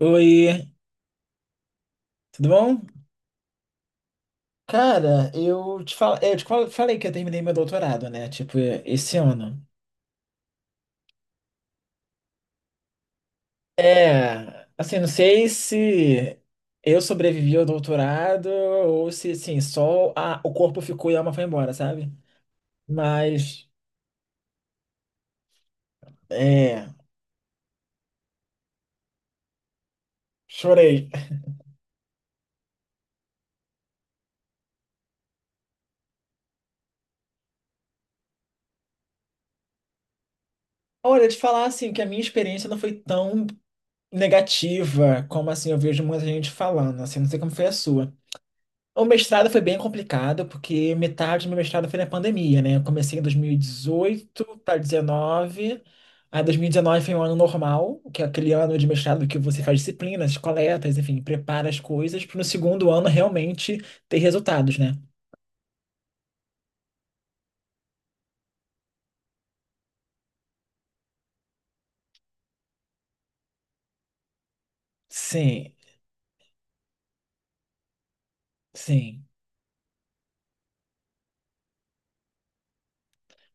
Oi, tudo bom? Cara, eu te falei que eu terminei meu doutorado, né? Tipo, esse ano. É, assim, não sei se eu sobrevivi ao doutorado ou se, assim, só o corpo ficou e a alma foi embora, sabe? Mas, é, chorei. Olha, te falar, assim, que a minha experiência não foi tão negativa como, assim, eu vejo muita gente falando, assim, não sei como foi a sua. O mestrado foi bem complicado, porque metade do meu mestrado foi na pandemia, né? Eu comecei em 2018 para 19. Aí 2019 foi um ano normal, que é aquele ano de mestrado que você faz disciplinas, coletas, enfim, prepara as coisas para no segundo ano realmente ter resultados, né? Sim, sim.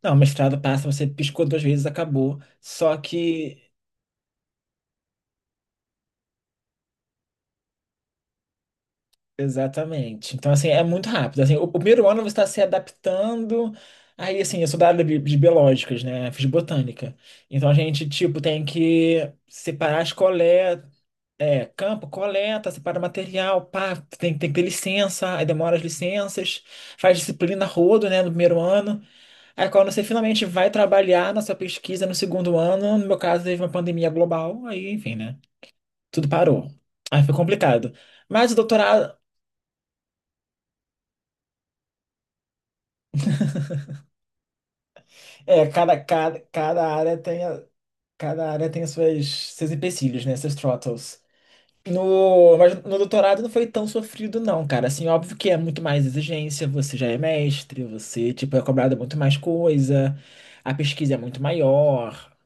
Não, mestrado passa, você piscou duas vezes, acabou. Só que. Exatamente. Então, assim, é muito rápido. Assim, o primeiro ano você está se adaptando. Aí, assim, eu sou da área de biológicas, né? Fiz botânica. Então, a gente, tipo, tem que separar as coletas. É, campo, coleta, separa material, pá, tem que ter licença, aí demora as licenças, faz disciplina rodo, né, no primeiro ano. Aí quando você finalmente vai trabalhar na sua pesquisa no segundo ano, no meu caso teve uma pandemia global, aí, enfim, né, tudo parou. Aí foi complicado. Mas o doutorado, é, cada área tem a, cada área tem as suas, seus empecilhos, né? Seus throttles. No, mas no doutorado não foi tão sofrido, não, cara. Assim, óbvio que é muito mais exigência, você já é mestre, você, tipo, é cobrado muito mais coisa, a pesquisa é muito maior.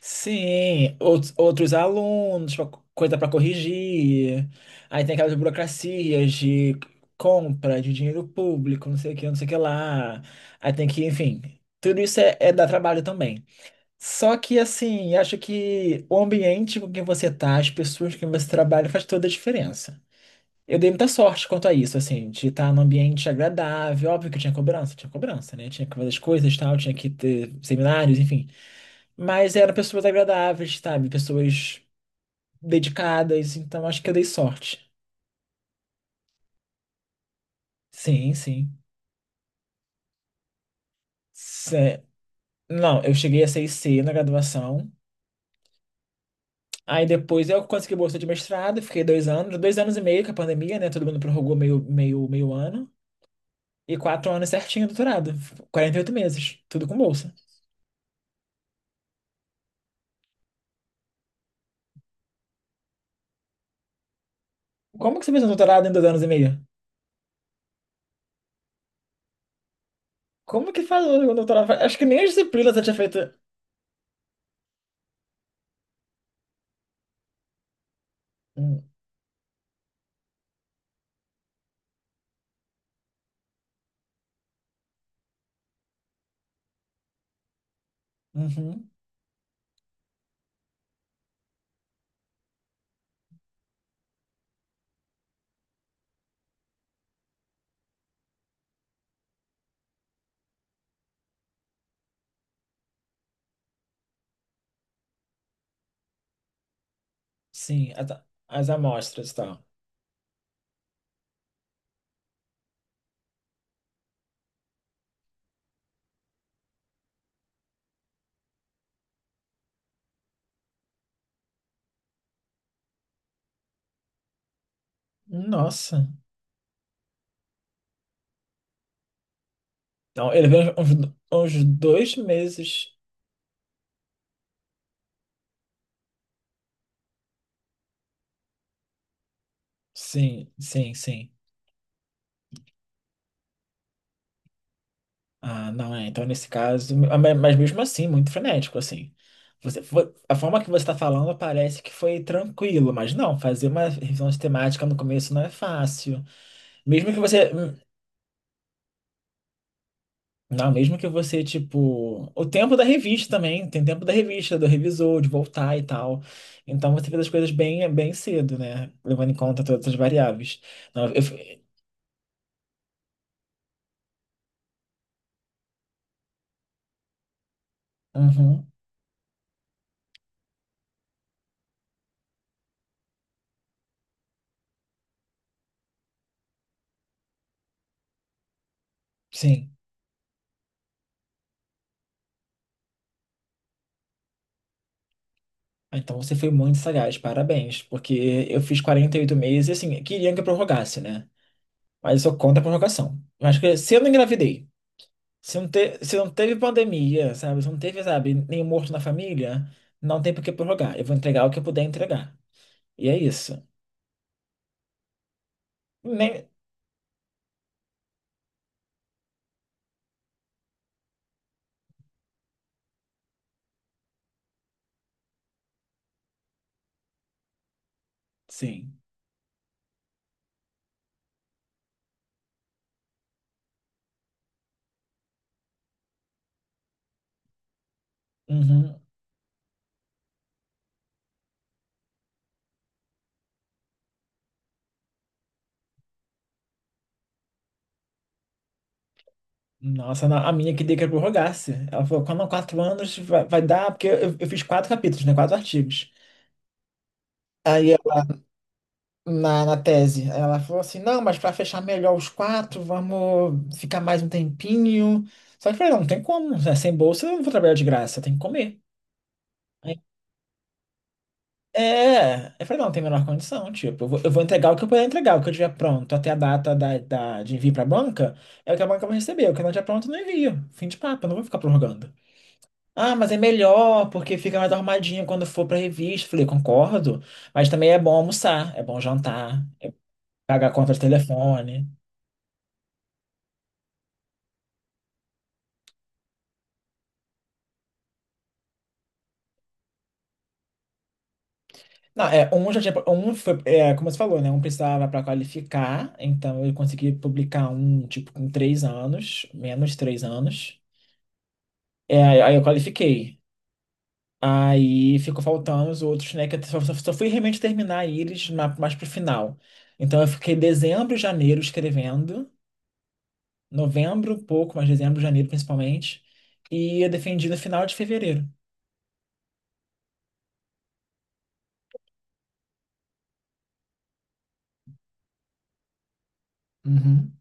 Sim, outros alunos, coisa para corrigir. Aí tem aquelas burocracias de compra de dinheiro público, não sei o que, não sei o que lá. Aí tem que, enfim, tudo isso é dar trabalho também. Só que, assim, acho que o ambiente com que você tá, as pessoas com que você trabalha, faz toda a diferença. Eu dei muita sorte quanto a isso, assim, de estar num ambiente agradável. Óbvio que tinha cobrança, né? Tinha que fazer as coisas, tal, tinha que ter seminários, enfim. Mas eram pessoas agradáveis, sabe? Pessoas dedicadas, então acho que eu dei sorte. Sim, sim. Cé- Não, eu cheguei a 6C na graduação. Aí depois eu consegui bolsa de mestrado, fiquei 2 anos, 2 anos e meio com a pandemia, né? Todo mundo prorrogou meio ano. E quatro anos certinho doutorado, 48 meses, tudo com bolsa. Como que você fez um doutorado em 2 anos e meio? Como que faz um doutorado? Acho que nem as disciplinas eu tinha feito. Hum. Uhum, sim, as amostras e tal. Nossa. Não, ele veio uns 2 meses. Sim, sim, sim. Ah, não é. Então, nesse caso, ah, mas mesmo assim, muito frenético, assim. A forma que você está falando parece que foi tranquilo, mas não, fazer uma revisão sistemática no começo não é fácil. Mesmo que você. Não, mesmo que você, tipo. O tempo da revista também, tem tempo da revista, do revisor, de voltar e tal. Então você fez as coisas bem, bem cedo, né? Levando em conta todas as variáveis. Não, eu fui. Uhum, sim. Ah, então você foi muito sagaz, parabéns, porque eu fiz 48 meses, e assim, queriam que eu prorrogasse, né? Mas eu sou contra a prorrogação. Eu acho que se eu não engravidei, se não teve pandemia, sabe? Se não teve, sabe, nenhum morto na família, não tem por que prorrogar. Eu vou entregar o que eu puder entregar. E é isso. Nem... Sim. Uhum. Nossa, a minha queria que eu prorrogasse. Ela falou, quando quatro anos vai, vai dar, porque eu fiz 4 capítulos, né? 4 artigos. Aí na tese. Ela falou assim: não, mas para fechar melhor os quatro, vamos ficar mais um tempinho. Só que eu falei: não, não tem como, né? Sem bolsa eu não vou trabalhar de graça, tem que comer. Aí, eu falei: não, tem a menor condição. Tipo, eu vou entregar o que eu puder entregar, o que eu tiver pronto até a data de envio para a banca, é o que a banca vai receber. O que não tiver pronto, eu não envio. Fim de papo, eu não vou ficar prorrogando. Ah, mas é melhor, porque fica mais arrumadinho quando for pra revista. Falei, concordo, mas também é bom almoçar, é bom jantar, pagar a conta de telefone. Não, é, um já tinha, um foi, é, como você falou, né? Um precisava para qualificar, então eu consegui publicar um, tipo, com 3 anos, menos 3 anos. É, aí eu qualifiquei. Aí ficou faltando os outros, né? Que eu só fui realmente terminar eles mais pro final. Então eu fiquei dezembro, janeiro escrevendo, novembro um pouco, mas dezembro, janeiro principalmente, e eu defendi no final de fevereiro. Uhum.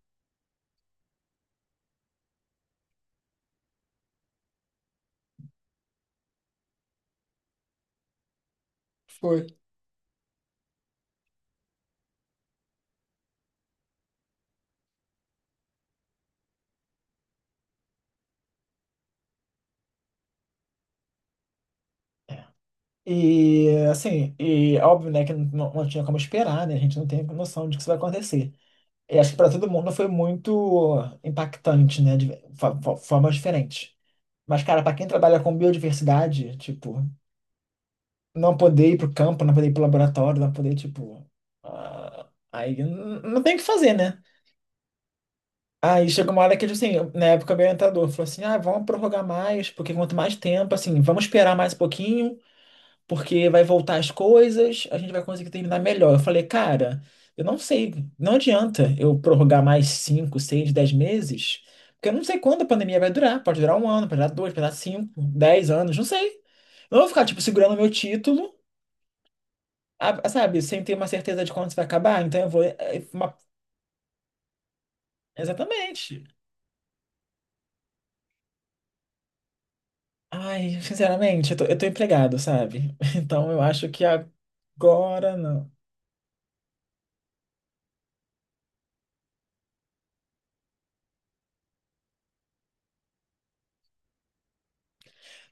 Foi. E assim, e óbvio, né, que não, não tinha como esperar, né? A gente não tem noção de que isso vai acontecer. E acho que para todo mundo foi muito impactante, né? De formas diferentes. Mas, cara, para quem trabalha com biodiversidade, tipo, não poder ir pro campo, não poder ir pro laboratório, não poder, tipo. Ah, aí não tem o que fazer, né? Aí chegou uma hora que, assim, na época o meu orientador falou assim: ah, vamos prorrogar mais, porque quanto mais tempo, assim, vamos esperar mais um pouquinho, porque vai voltar as coisas, a gente vai conseguir terminar melhor. Eu falei, cara, eu não sei, não adianta eu prorrogar mais 5 6 10 meses, porque eu não sei quando a pandemia vai durar. Pode durar um ano, pode durar dois, pode durar 5, 10 anos, não sei. Eu não vou ficar, tipo, segurando meu título, sabe, sem ter uma certeza de quando isso vai acabar, então eu vou. Exatamente. Ai, sinceramente, eu tô empregado, sabe? Então eu acho que agora não.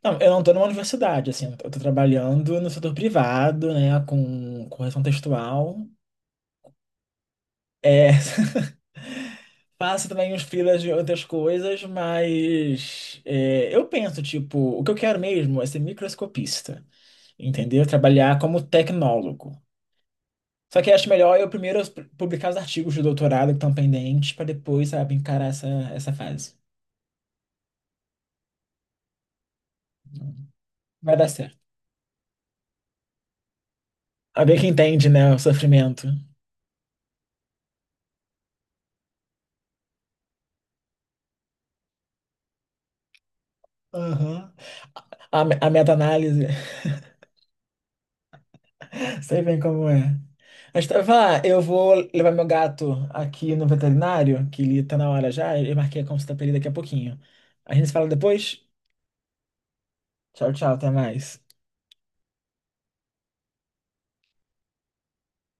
Não, eu não estou numa universidade, assim, eu estou trabalhando no setor privado, né, com correção textual. É, faço também uns freelas de outras coisas, mas é, eu penso, tipo, o que eu quero mesmo é ser microscopista, entendeu? Trabalhar como tecnólogo. Só que acho melhor eu primeiro publicar os artigos de doutorado que estão pendentes, para depois, sabe, encarar essa fase. Vai dar certo. A ver que entende, né, o sofrimento. Aham. A, a meta-análise. Sei bem como é. Mas tava, eu vou levar meu gato aqui no veterinário, que ele tá na hora já. Eu marquei a consulta pra ele daqui a pouquinho. A gente se fala depois? Tchau, tchau, até mais.